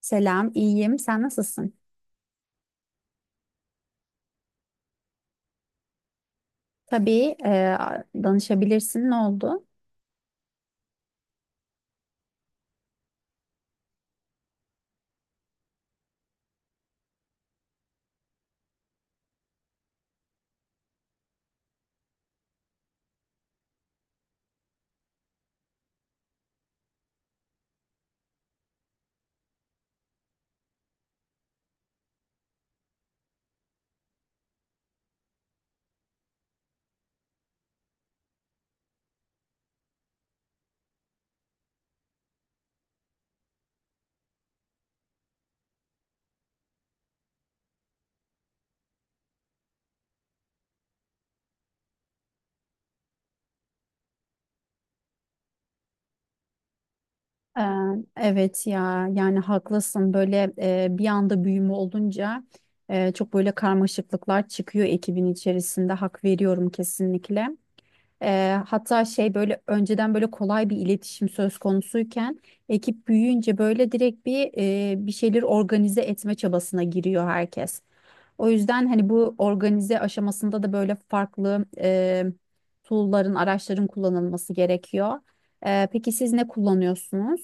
Selam, iyiyim. Sen nasılsın? Tabii danışabilirsin. Ne oldu? E, evet ya, yani haklısın. Böyle bir anda büyüme olunca çok böyle karmaşıklıklar çıkıyor ekibin içerisinde. Hak veriyorum kesinlikle. Hatta şey böyle önceden böyle kolay bir iletişim söz konusuyken ekip büyüyünce böyle direkt bir şeyleri organize etme çabasına giriyor herkes. O yüzden hani bu organize aşamasında da böyle farklı tool'ların, araçların kullanılması gerekiyor. Peki siz ne kullanıyorsunuz?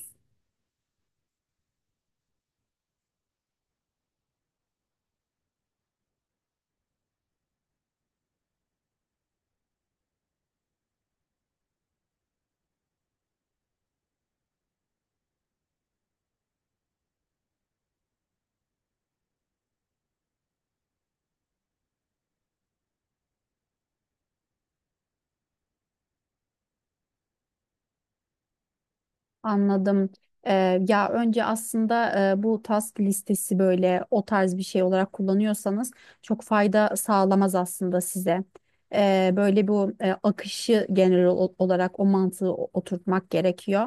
Anladım. E, ya önce aslında bu task listesi böyle o tarz bir şey olarak kullanıyorsanız çok fayda sağlamaz aslında size. Böyle bu akışı genel olarak o mantığı oturtmak gerekiyor.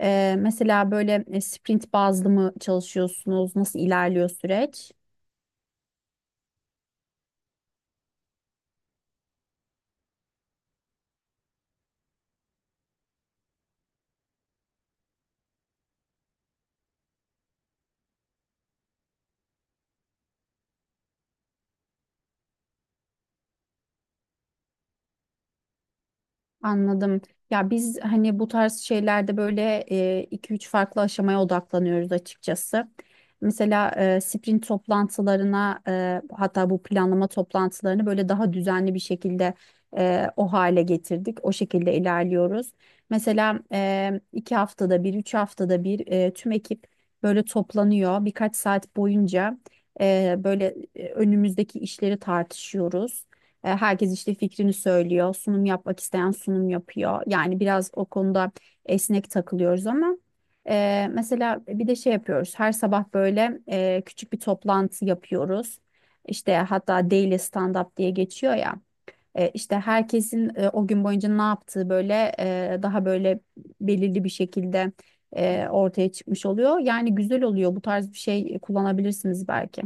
Mesela böyle sprint bazlı mı çalışıyorsunuz? Nasıl ilerliyor süreç? Anladım. Ya biz hani bu tarz şeylerde böyle iki üç farklı aşamaya odaklanıyoruz açıkçası. Mesela sprint toplantılarına hatta bu planlama toplantılarını böyle daha düzenli bir şekilde o hale getirdik. O şekilde ilerliyoruz. Mesela iki haftada bir, üç haftada bir tüm ekip böyle toplanıyor. Birkaç saat boyunca önümüzdeki işleri tartışıyoruz. Herkes işte fikrini söylüyor. Sunum yapmak isteyen sunum yapıyor. Yani biraz o konuda esnek takılıyoruz ama mesela bir de şey yapıyoruz. Her sabah böyle küçük bir toplantı yapıyoruz. İşte hatta daily stand up diye geçiyor ya. İşte herkesin o gün boyunca ne yaptığı daha belirli bir şekilde ortaya çıkmış oluyor. Yani güzel oluyor. Bu tarz bir şey kullanabilirsiniz belki.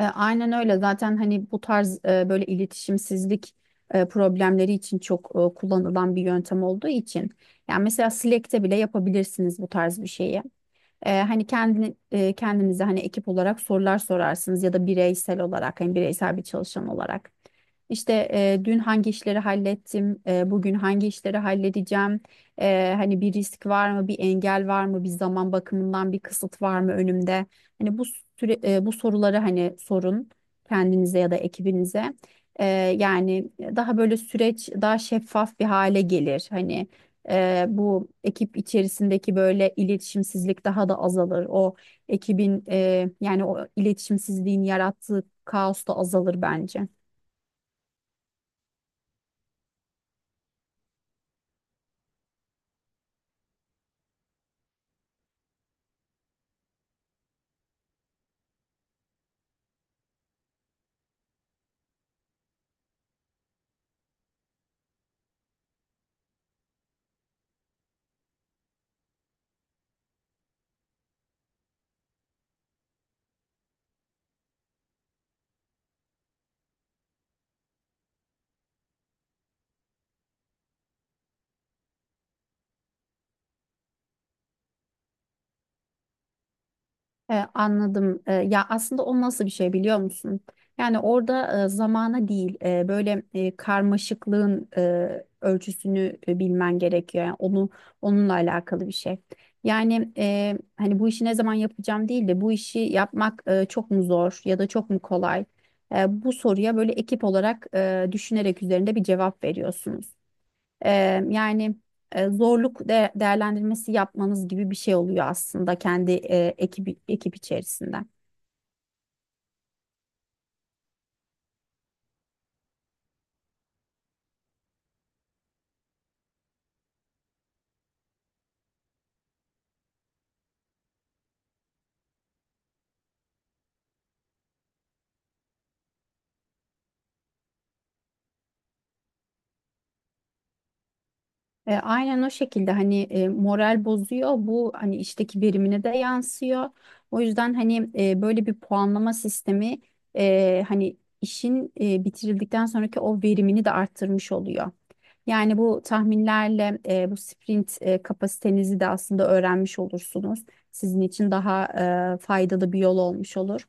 Aynen öyle. Zaten hani bu tarz böyle iletişimsizlik problemleri için çok kullanılan bir yöntem olduğu için. Yani mesela Slack'te bile yapabilirsiniz bu tarz bir şeyi. Hani kendinize hani ekip olarak sorular sorarsınız ya da bireysel olarak hani bireysel bir çalışan olarak. İşte dün hangi işleri hallettim, bugün hangi işleri halledeceğim, hani bir risk var mı, bir engel var mı, bir zaman bakımından bir kısıt var mı önümde? Hani bu soruları hani sorun kendinize ya da ekibinize. E, Yani daha böyle süreç daha şeffaf bir hale gelir. Hani, bu ekip içerisindeki böyle iletişimsizlik daha da azalır. O ekibin, yani o iletişimsizliğin yarattığı kaos da azalır bence. Anladım. Ya aslında o nasıl bir şey biliyor musun? Yani orada zamana değil karmaşıklığın ölçüsünü bilmen gerekiyor. Yani onu onunla alakalı bir şey. Yani hani bu işi ne zaman yapacağım değil de bu işi yapmak çok mu zor ya da çok mu kolay? Bu soruya böyle ekip olarak düşünerek üzerinde bir cevap veriyorsunuz. E, Yani zorluk değerlendirmesi yapmanız gibi bir şey oluyor aslında kendi ekip içerisinde. Aynen o şekilde hani moral bozuyor bu hani işteki verimine de yansıyor. O yüzden hani böyle bir puanlama sistemi hani işin bitirildikten sonraki o verimini de arttırmış oluyor. Yani bu tahminlerle bu sprint kapasitenizi de aslında öğrenmiş olursunuz. Sizin için daha faydalı bir yol olmuş olur.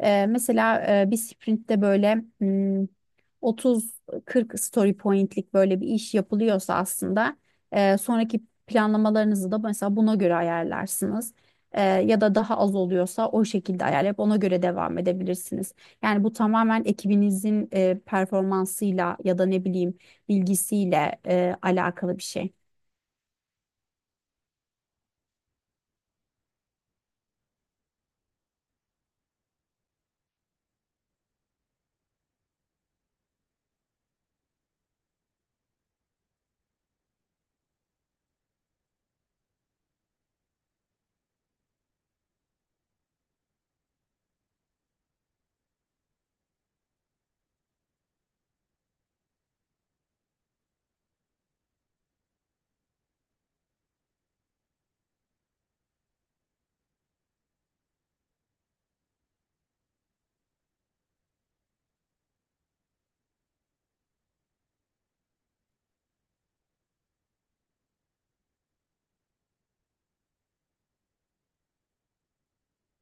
Mesela bir sprintte böyle 30-40 story pointlik böyle bir iş yapılıyorsa aslında sonraki planlamalarınızı da mesela buna göre ayarlarsınız. Ya da daha az oluyorsa o şekilde ayarlayıp ona göre devam edebilirsiniz. Yani bu tamamen ekibinizin performansıyla ya da ne bileyim bilgisiyle alakalı bir şey.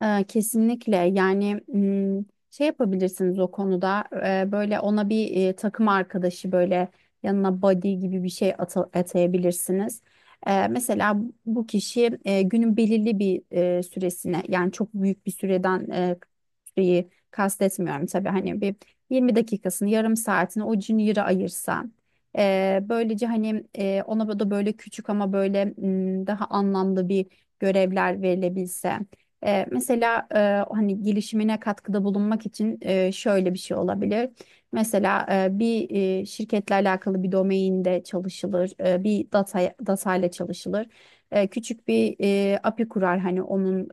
Kesinlikle yani, şey yapabilirsiniz o konuda. Böyle ona bir takım arkadaşı böyle yanına buddy gibi bir şey atayabilirsiniz. Mesela bu kişi günün belirli bir süresine yani çok büyük bir süreden, süreyi kastetmiyorum tabii hani bir 20 dakikasını yarım saatini o Junior'a ayırsa böylece hani ona da böyle küçük ama böyle daha anlamlı bir görevler verilebilse. Mesela hani gelişimine katkıda bulunmak için şöyle bir şey olabilir. Mesela şirketle alakalı bir domainde çalışılır, bir data ile çalışılır. Küçük bir API kurar hani onun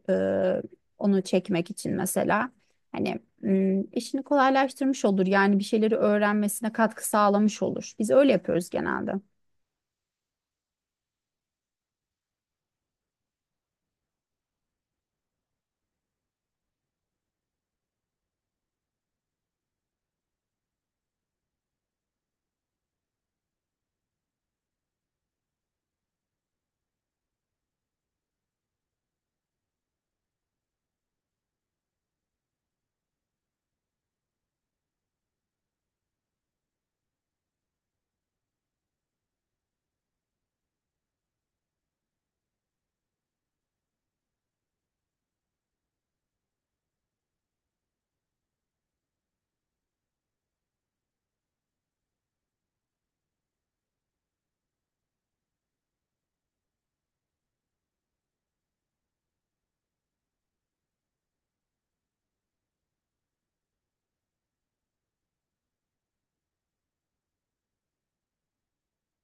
e, onu çekmek için mesela. Hani işini kolaylaştırmış olur yani bir şeyleri öğrenmesine katkı sağlamış olur. Biz öyle yapıyoruz genelde.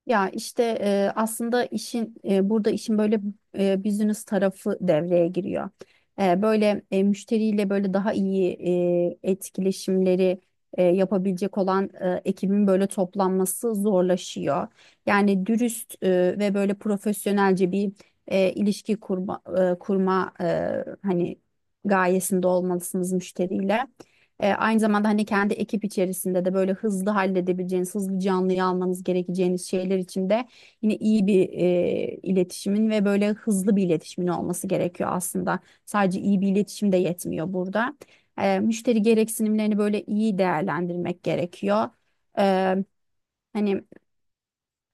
Ya işte aslında burada işin böyle business tarafı devreye giriyor. Böyle müşteriyle böyle daha iyi etkileşimleri yapabilecek olan ekibin böyle toplanması zorlaşıyor. Yani dürüst ve böyle profesyonelce bir ilişki kurma, hani gayesinde olmalısınız müşteriyle. Aynı zamanda hani kendi ekip içerisinde de böyle hızlı halledebileceğiniz, hızlı canlıyı almanız gerekeceğiniz şeyler için de yine iyi bir iletişimin ve böyle hızlı bir iletişimin olması gerekiyor aslında. Sadece iyi bir iletişim de yetmiyor burada. Müşteri gereksinimlerini böyle iyi değerlendirmek gerekiyor. E, Hani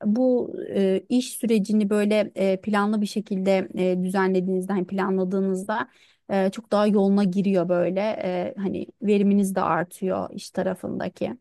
bu iş sürecini böyle planlı bir şekilde düzenlediğinizde, hani planladığınızda çok daha yoluna giriyor böyle. Hani veriminiz de artıyor iş tarafındaki.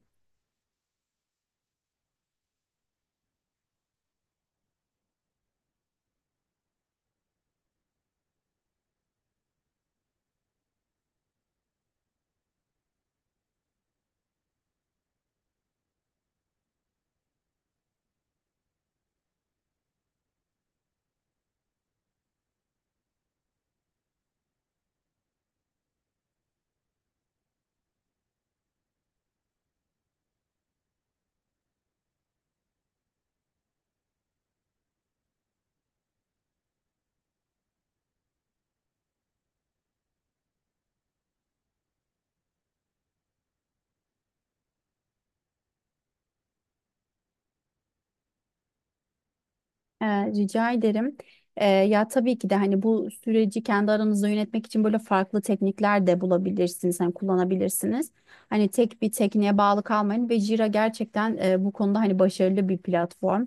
Rica ederim. Ya tabii ki de hani bu süreci kendi aranızda yönetmek için böyle farklı teknikler de bulabilirsiniz, hani kullanabilirsiniz. Hani tek bir tekniğe bağlı kalmayın ve Jira gerçekten bu konuda hani başarılı bir platform.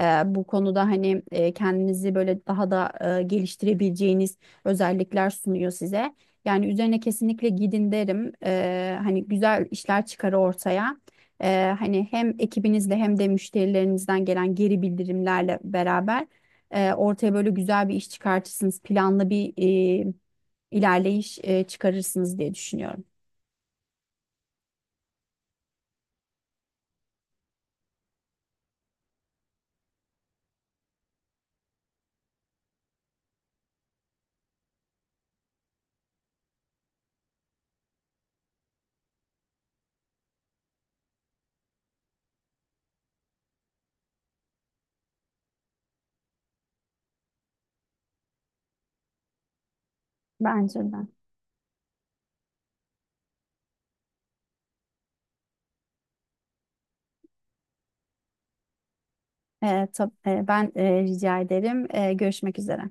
Ee, Bu konuda hani kendinizi böyle daha da geliştirebileceğiniz özellikler sunuyor size. Yani üzerine kesinlikle gidin derim. Hani güzel işler çıkar ortaya. Hani hem ekibinizle hem de müşterilerinizden gelen geri bildirimlerle beraber ortaya böyle güzel bir iş çıkartırsınız. Planlı bir e, ilerleyiş çıkarırsınız diye düşünüyorum. Bence de. Ben rica ederim. Görüşmek üzere.